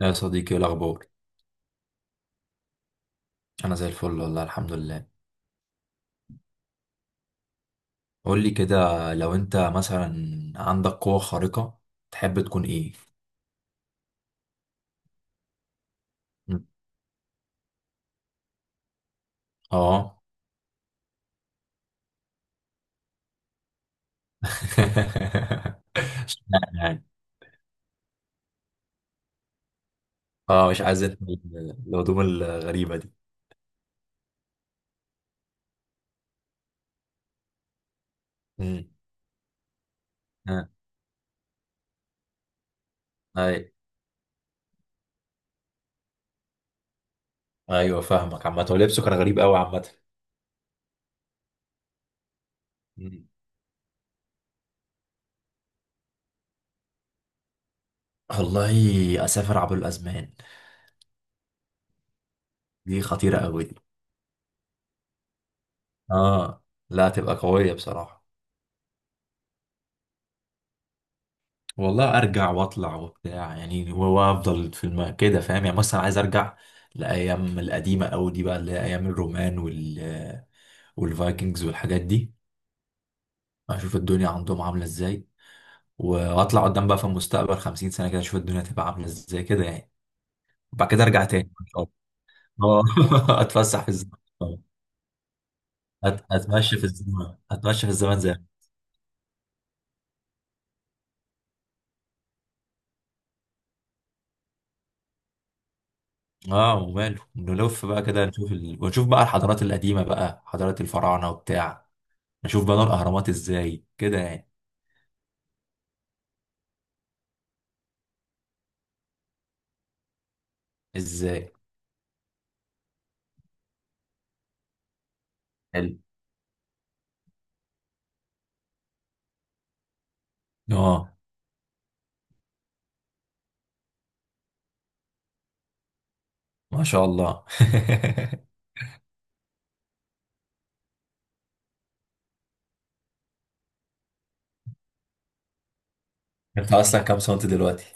يا صديقي، إيه الأخبار؟ أنا زي الفل والله، الحمد لله. قول لي كده، لو أنت مثلا عندك قوة خارقة تحب تكون إيه؟ م. آه. لا، يعني، آه مش عايز أنت الهدوم الغريبة دي. م. آه. أي. أيوه فاهمك. عامة هو لبسه كان غريب أوي عامة. م. والله أسافر عبر الأزمان. دي خطيرة أوي دي. آه. لا، تبقى قوية بصراحة. والله ارجع واطلع وبتاع، يعني هو وافضل في كده، فاهم؟ يعني مثلا عايز ارجع لايام القديمه قوي دي، بقى اللي هي ايام الرومان والفايكنجز والحاجات دي. اشوف الدنيا عندهم عامله ازاي، واطلع قدام بقى في المستقبل 50 سنه كده، اشوف الدنيا تبقى عامله ازاي كده يعني. وبعد كده ارجع تاني ان شاء الله. اه، اتفسح في الزمن. اتمشى في الزمن زي... اه وماله، نلف بقى كده نشوف ونشوف بقى الحضارات القديمه، بقى حضارات الفراعنه وبتاع. اشوف بنى الاهرامات ازاي كده يعني. ازاي؟ حلو. اه. ما شاء الله. انت اصلا كام سنت دلوقتي؟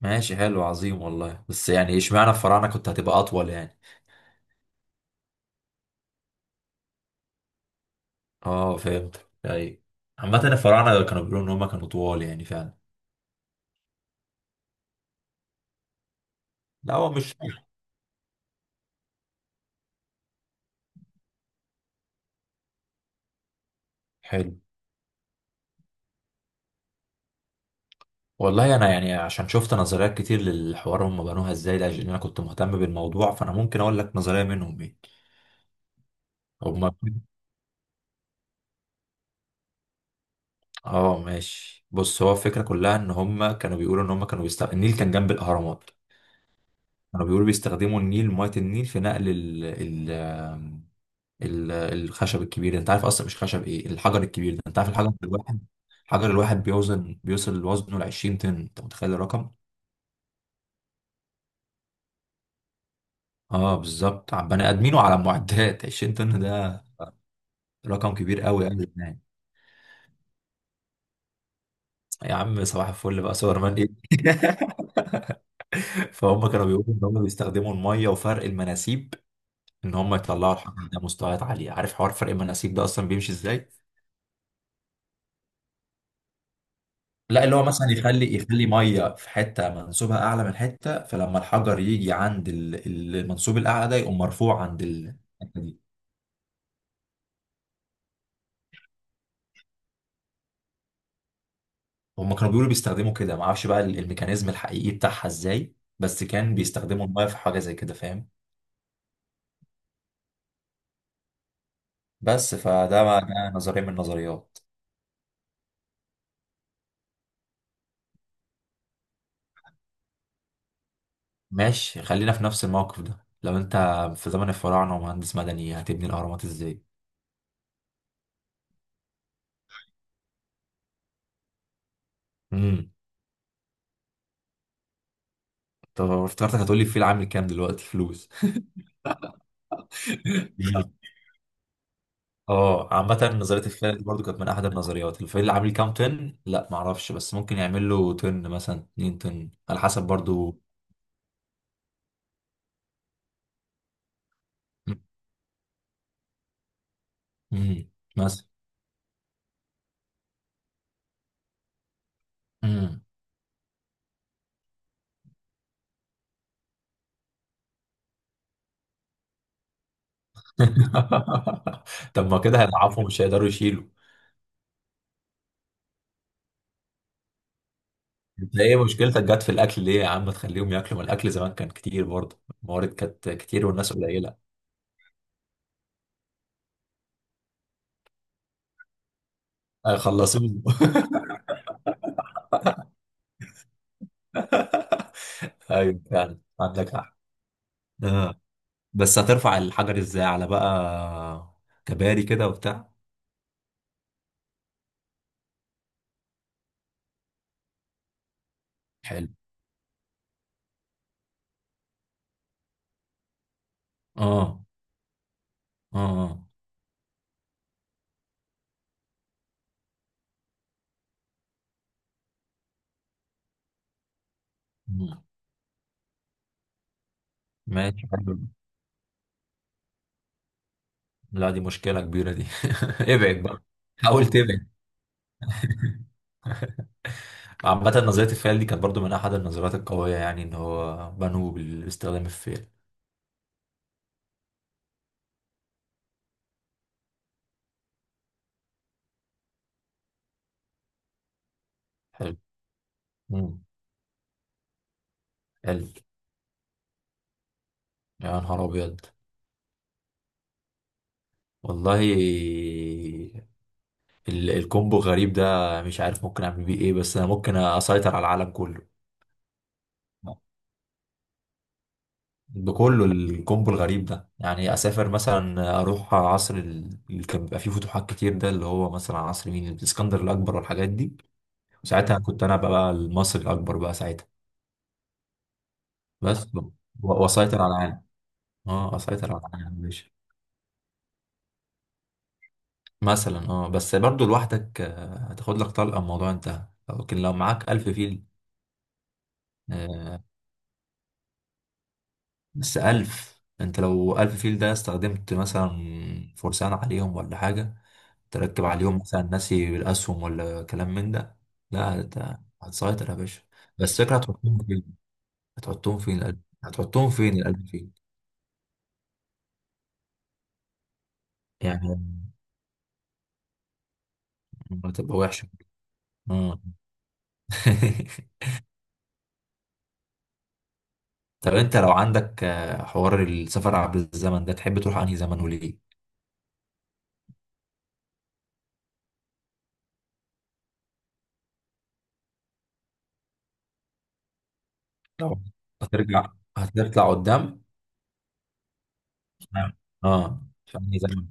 ماشي، حلو، عظيم والله. بس يعني اشمعنى الفراعنة كنت هتبقى اطول يعني؟ اه فهمت، ايوه. عامة الفراعنة كانوا بيقولوا ان هم كانوا طوال يعني، فعلا. لا هو مش حلو. والله انا يعني عشان شفت نظريات كتير للحوار هم بنوها ازاي، لاجل إن انا كنت مهتم بالموضوع، فانا ممكن اقول لك نظرية منهم ايه. هم. اه ماشي. بص، هو الفكره كلها ان هم كانوا بيقولوا ان هم كانوا بيستخدموا النيل، كان جنب الاهرامات. كانوا بيقولوا بيستخدموا النيل، ميه النيل، في نقل الخشب الكبير ده. انت عارف اصلا مش خشب، ايه، الحجر الكبير ده. انت عارف الحجر الواحد بيوصل وزنه ل 20 طن. انت متخيل الرقم؟ اه بالظبط، على بني ادمين وعلى معدات 20 طن ده رقم كبير قوي قوي يعني. يا عم صباح الفل بقى، سوبرمان ايه. فهم كانوا بيقولوا ان هم بيستخدموا الميه وفرق المناسيب، ان هم يطلعوا الحجر ده مستويات عاليه. عارف حوار فرق المناسيب ده اصلا بيمشي ازاي؟ لا، اللي هو مثلا يخلي ميه في حته منسوبها اعلى من حته، فلما الحجر يجي عند المنسوب الاعلى ده يقوم مرفوع عند الحته دي. هم كانوا بيقولوا بيستخدموا كده، ما اعرفش بقى الميكانيزم الحقيقي بتاعها ازاي، بس كان بيستخدموا الميه في حاجه زي كده، فاهم؟ بس ده نظريه من النظريات. ماشي، خلينا في نفس الموقف ده. لو انت في زمن الفراعنه ومهندس مدني، هتبني الاهرامات ازاي؟ امم. طب افتكرتك هتقولي الفيل عامل كام دلوقتي فلوس. اه عامة نظرية الفيل دي برضو كانت من أحد النظريات. الفيل عامل كام طن؟ لا معرفش، بس ممكن يعمل له طن، مثلا 2 طن على حسب برضو. امم. مثلا. امم. طب ما كده هيضعفوا، مش هيقدروا يشيلوا. انت ايه مشكلتك جت في الأكل ليه يا عم؟ تخليهم ياكلوا، ما الأكل زمان كان كتير برضو. الموارد كانت كتير والناس قليلة. آه، خلصوه. ايوه فعلا، عندك حق. بس هترفع الحجر ازاي على بقى، كباري كده وبتاع؟ حلو. اه. اه. آه. مم. ماشي، حلو. لا دي مشكلة كبيرة دي. ابعد بقى. حاول تبعد. عامة نظرية الفيل دي كانت برضو من أحد النظريات القوية، يعني إن هو بنوه باستخدام الفيل. حلو. مم. حلو. يا نهار أبيض. والله الكومبو غريب ده. مش عارف ممكن أعمل بيه إيه، بس أنا ممكن أسيطر على العالم كله. بكله، الكومبو الغريب ده يعني. اسافر مثلا، اروح عصر اللي كان بيبقى فيه فتوحات كتير ده، اللي هو مثلا عصر مين، الاسكندر الاكبر والحاجات دي. وساعتها كنت انا بقى المصري الاكبر بقى ساعتها. بس واسيطر على العالم. اه اسيطر على العالم يا باشا. مثلا، اه، بس برضو لوحدك هتاخد لك طلقه الموضوع انتهى. لكن لو معاك 1000 فيل. آه، بس ألف انت لو 1000 فيل ده استخدمت مثلا فرسان عليهم ولا حاجة، تركب عليهم مثلا، ناسي الاسهم ولا كلام من ده، لا ده هتسيطر يا باشا. بس الفكره، هتحطهم فين القلب؟ هتحطهم فين القلب فين؟ يعني هتبقى وحشه. آه. طب انت لو عندك حوار السفر عبر الزمن ده تحب تروح انهي زمن وليه؟ لو هترجع. هتطلع قدام. اه، في انهي زمن.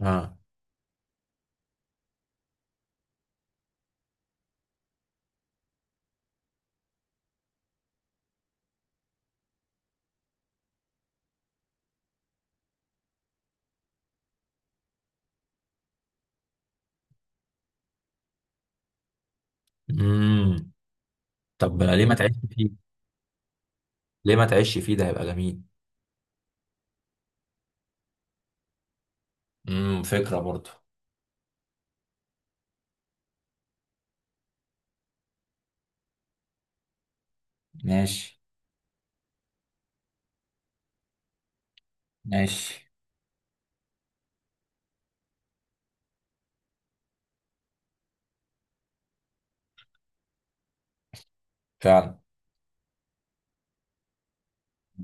اه. امم. طب ليه ما تعيش فيه؟ ده هيبقى جميل. امم، فكره برضه. ماشي. ماشي، فعلا.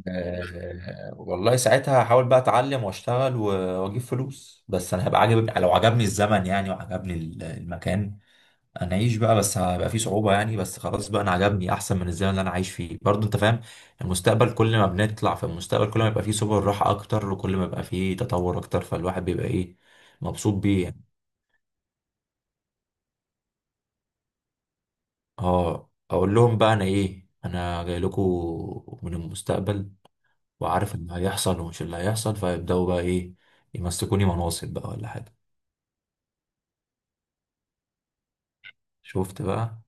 أه والله ساعتها هحاول بقى اتعلم واشتغل واجيب فلوس. بس انا هبقى عاجب لو عجبني الزمن يعني، وعجبني المكان. انا اعيش بقى، بس هيبقى فيه صعوبة يعني. بس خلاص بقى انا عجبني، احسن من الزمن اللي انا عايش فيه برضه، انت فاهم. المستقبل، كل ما بنطلع في المستقبل كل ما يبقى فيه سبل راحة اكتر، وكل ما يبقى فيه تطور اكتر، فالواحد بيبقى ايه، مبسوط بيه يعني. اه، اقول لهم بقى انا ايه، انا جاي لكم من المستقبل، وعارف ان هيحصل ومش اللي هيحصل، فيبداوا بقى ايه، يمسكوني مناصب بقى ولا حاجه. شفت بقى.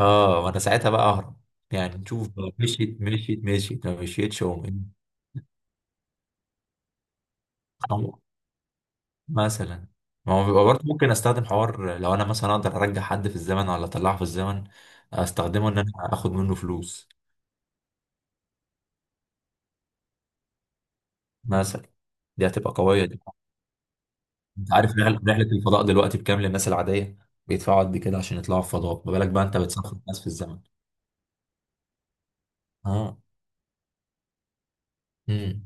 اه، وانا ساعتها بقى اهرب يعني. نشوف بقى، مشيت مشيت مشيت، ما مشيتش أقوم إيه؟ أطلع. مثلا. ما هو بيبقى برضه ممكن استخدم حوار، لو انا مثلا اقدر ارجع حد في الزمن ولا اطلعه في الزمن، استخدمه ان انا اخد منه فلوس مثلا. دي هتبقى قويه دي. انت عارف رحلة الفضاء دلوقتي بكام للناس العاديه؟ بيدفعوا قد كده عشان يطلعوا الفضاء، ما بالك بقى انت بتسافر الناس في الزمن. اه. امم.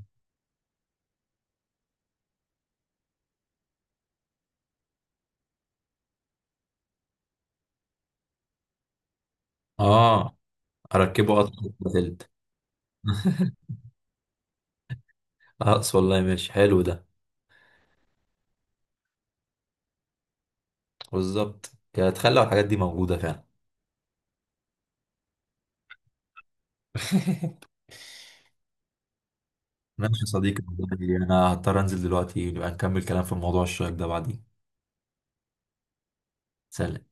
اه. اركبه اصلا تلت. اقص والله، ماشي حلو ده. بالظبط. يا تخلى الحاجات دي موجودة فعلا. ماشي يا صديقي، والله انا هضطر انزل دلوقتي. نبقى نكمل كلام في موضوع الشيك ده بعدين. سلام.